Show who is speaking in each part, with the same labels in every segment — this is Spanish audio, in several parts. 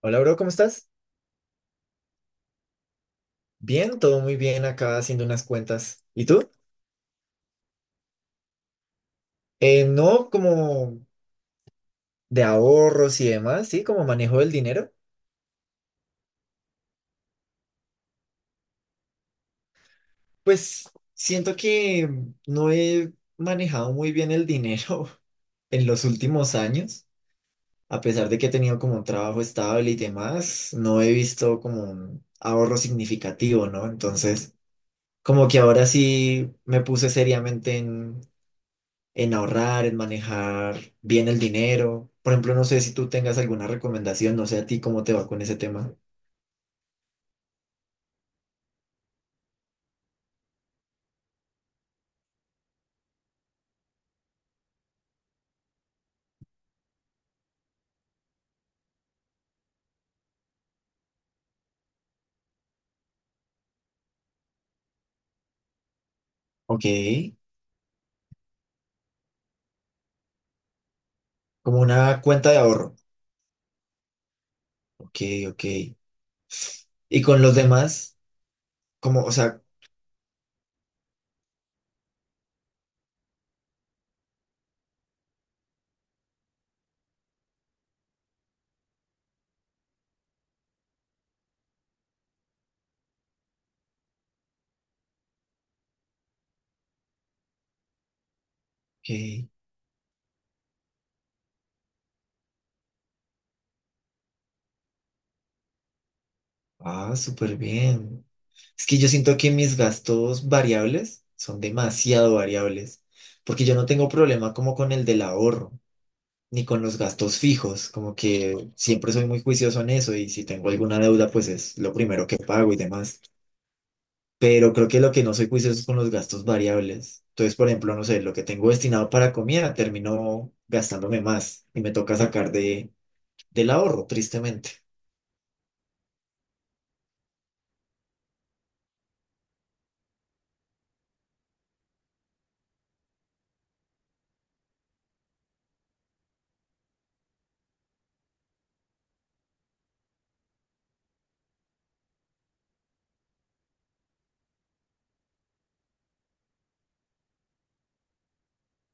Speaker 1: Hola, bro, ¿cómo estás? Bien, todo muy bien acá haciendo unas cuentas. ¿Y tú? No como de ahorros y demás, ¿sí? Como manejo del dinero. Pues siento que no he manejado muy bien el dinero en los últimos años, a pesar de que he tenido como un trabajo estable y demás, no he visto como un ahorro significativo, ¿no? Entonces, como que ahora sí me puse seriamente en ahorrar, en manejar bien el dinero. Por ejemplo, no sé si tú tengas alguna recomendación, no sé a ti cómo te va con ese tema. Ok, como una cuenta de ahorro. Ok, ok. Y con los demás, como, o sea, ok, ah, súper bien. Es que yo siento que mis gastos variables son demasiado variables, porque yo no tengo problema como con el del ahorro, ni con los gastos fijos, como que siempre soy muy juicioso en eso y si tengo alguna deuda, pues es lo primero que pago y demás. Pero creo que lo que no soy juicioso es con los gastos variables. Entonces, por ejemplo, no sé, lo que tengo destinado para comida, termino gastándome más y me toca sacar del ahorro, tristemente.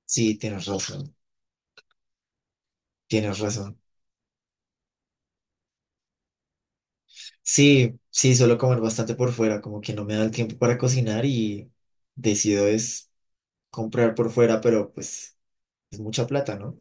Speaker 1: Sí, tienes razón, tienes razón. Sí, sí, suelo comer bastante por fuera, como que no me da el tiempo para cocinar y decido es comprar por fuera, pero pues es mucha plata, ¿no?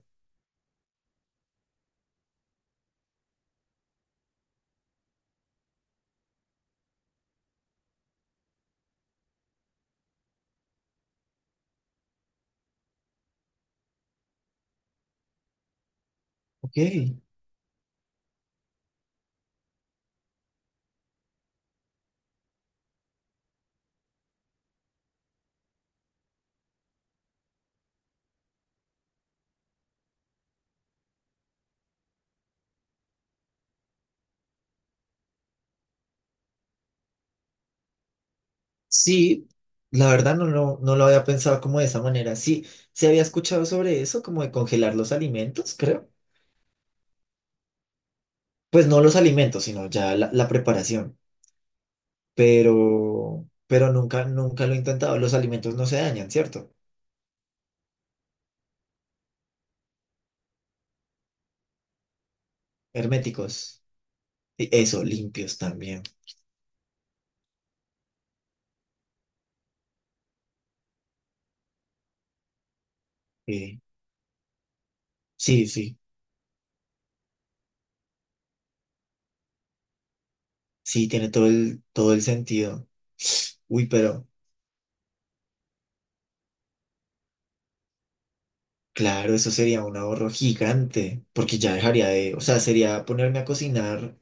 Speaker 1: Ok, sí, la verdad no lo había pensado como de esa manera. Sí, se había escuchado sobre eso, como de congelar los alimentos, creo. Pues no los alimentos, sino ya la preparación. Pero nunca lo he intentado. Los alimentos no se dañan, ¿cierto? Herméticos. Y eso, limpios también. Sí, sí, sí. Sí, tiene todo todo el sentido. Uy, pero claro, eso sería un ahorro gigante, porque ya dejaría de, o sea, sería ponerme a cocinar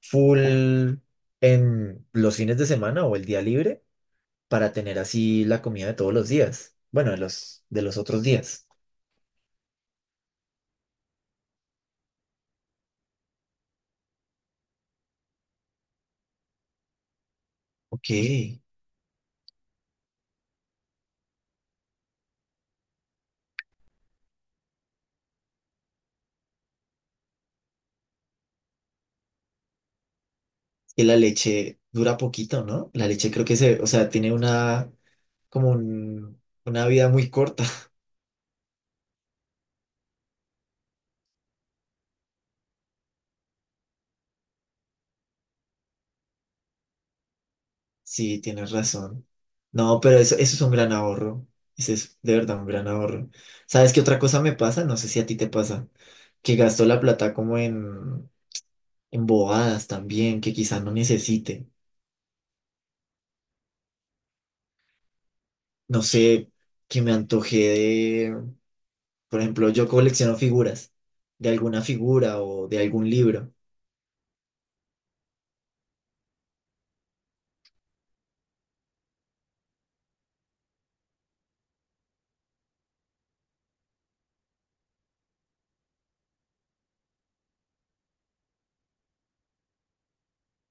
Speaker 1: full en los fines de semana o el día libre para tener así la comida de todos los días. Bueno, de los otros días. Ok. Que la leche dura poquito, ¿no? La leche creo que se, o sea, tiene una, una vida muy corta. Sí, tienes razón. No, pero eso es un gran ahorro. Ese es de verdad un gran ahorro. ¿Sabes qué otra cosa me pasa? No sé si a ti te pasa. Que gasto la plata como en bobadas también, que quizás no necesite. No sé, que me antoje de, por ejemplo, yo colecciono figuras, de alguna figura o de algún libro.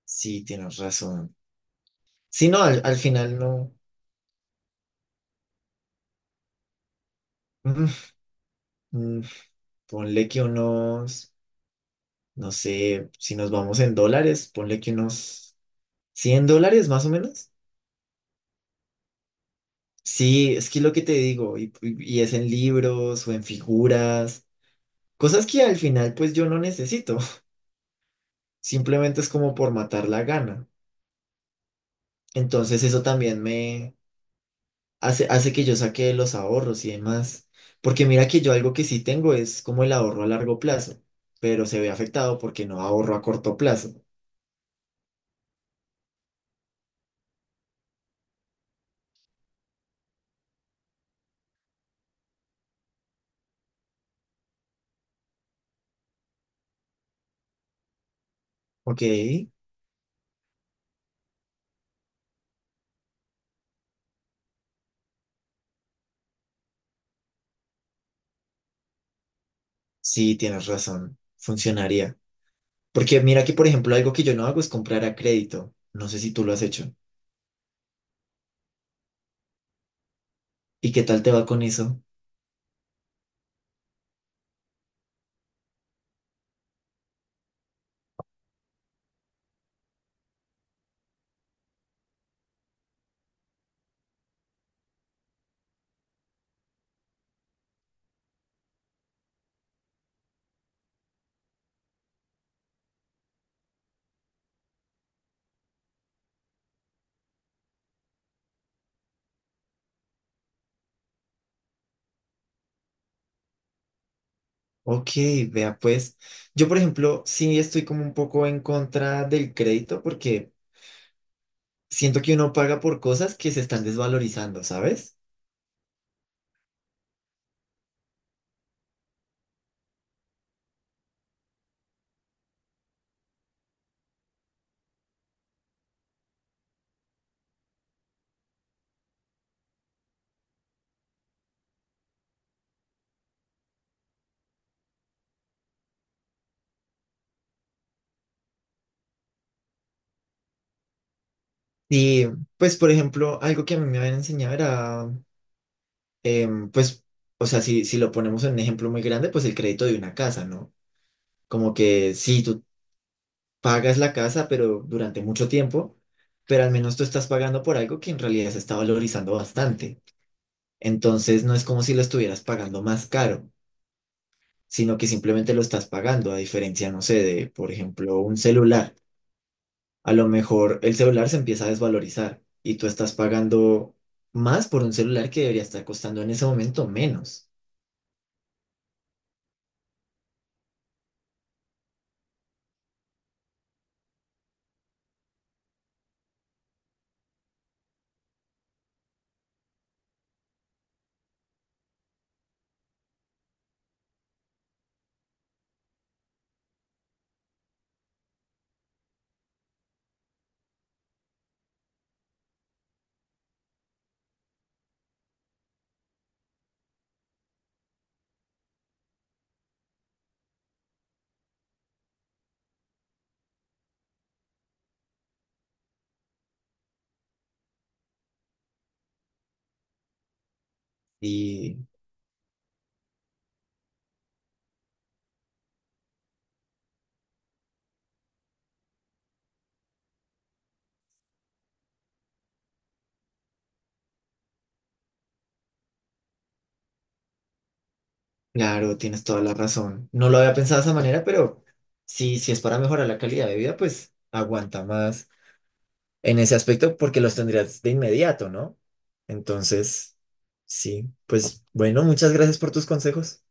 Speaker 1: Sí, tienes razón. Sí, no, al, al final no. Mm, mm, ponle que unos, no sé, si nos vamos en dólares, ponle que unos $100 más o menos. Sí, es que lo que te digo, y es en libros o en figuras, cosas que al final pues yo no necesito, simplemente es como por matar la gana. Entonces eso también me hace que yo saque los ahorros y demás, porque mira que yo algo que sí tengo es como el ahorro a largo plazo, pero se ve afectado porque no ahorro a corto plazo. Ok, sí, tienes razón, funcionaría. Porque mira que, por ejemplo, algo que yo no hago es comprar a crédito. No sé si tú lo has hecho. ¿Y qué tal te va con eso? Ok, vea pues. Yo, por ejemplo, sí estoy como un poco en contra del crédito porque siento que uno paga por cosas que se están desvalorizando, ¿sabes? Y pues, por ejemplo, algo que a mí me habían enseñado era, pues, o sea, si lo ponemos en un ejemplo muy grande, pues el crédito de una casa, ¿no? Como que si tú pagas la casa, pero durante mucho tiempo, pero al menos tú estás pagando por algo que en realidad se está valorizando bastante. Entonces no es como si lo estuvieras pagando más caro, sino que simplemente lo estás pagando, a diferencia, no sé, de, por ejemplo, un celular. A lo mejor el celular se empieza a desvalorizar y tú estás pagando más por un celular que debería estar costando en ese momento menos. Y claro, tienes toda la razón. No lo había pensado de esa manera, pero sí, si es para mejorar la calidad de vida, pues aguanta más en ese aspecto porque los tendrías de inmediato, ¿no? Entonces, sí, pues bueno, muchas gracias por tus consejos.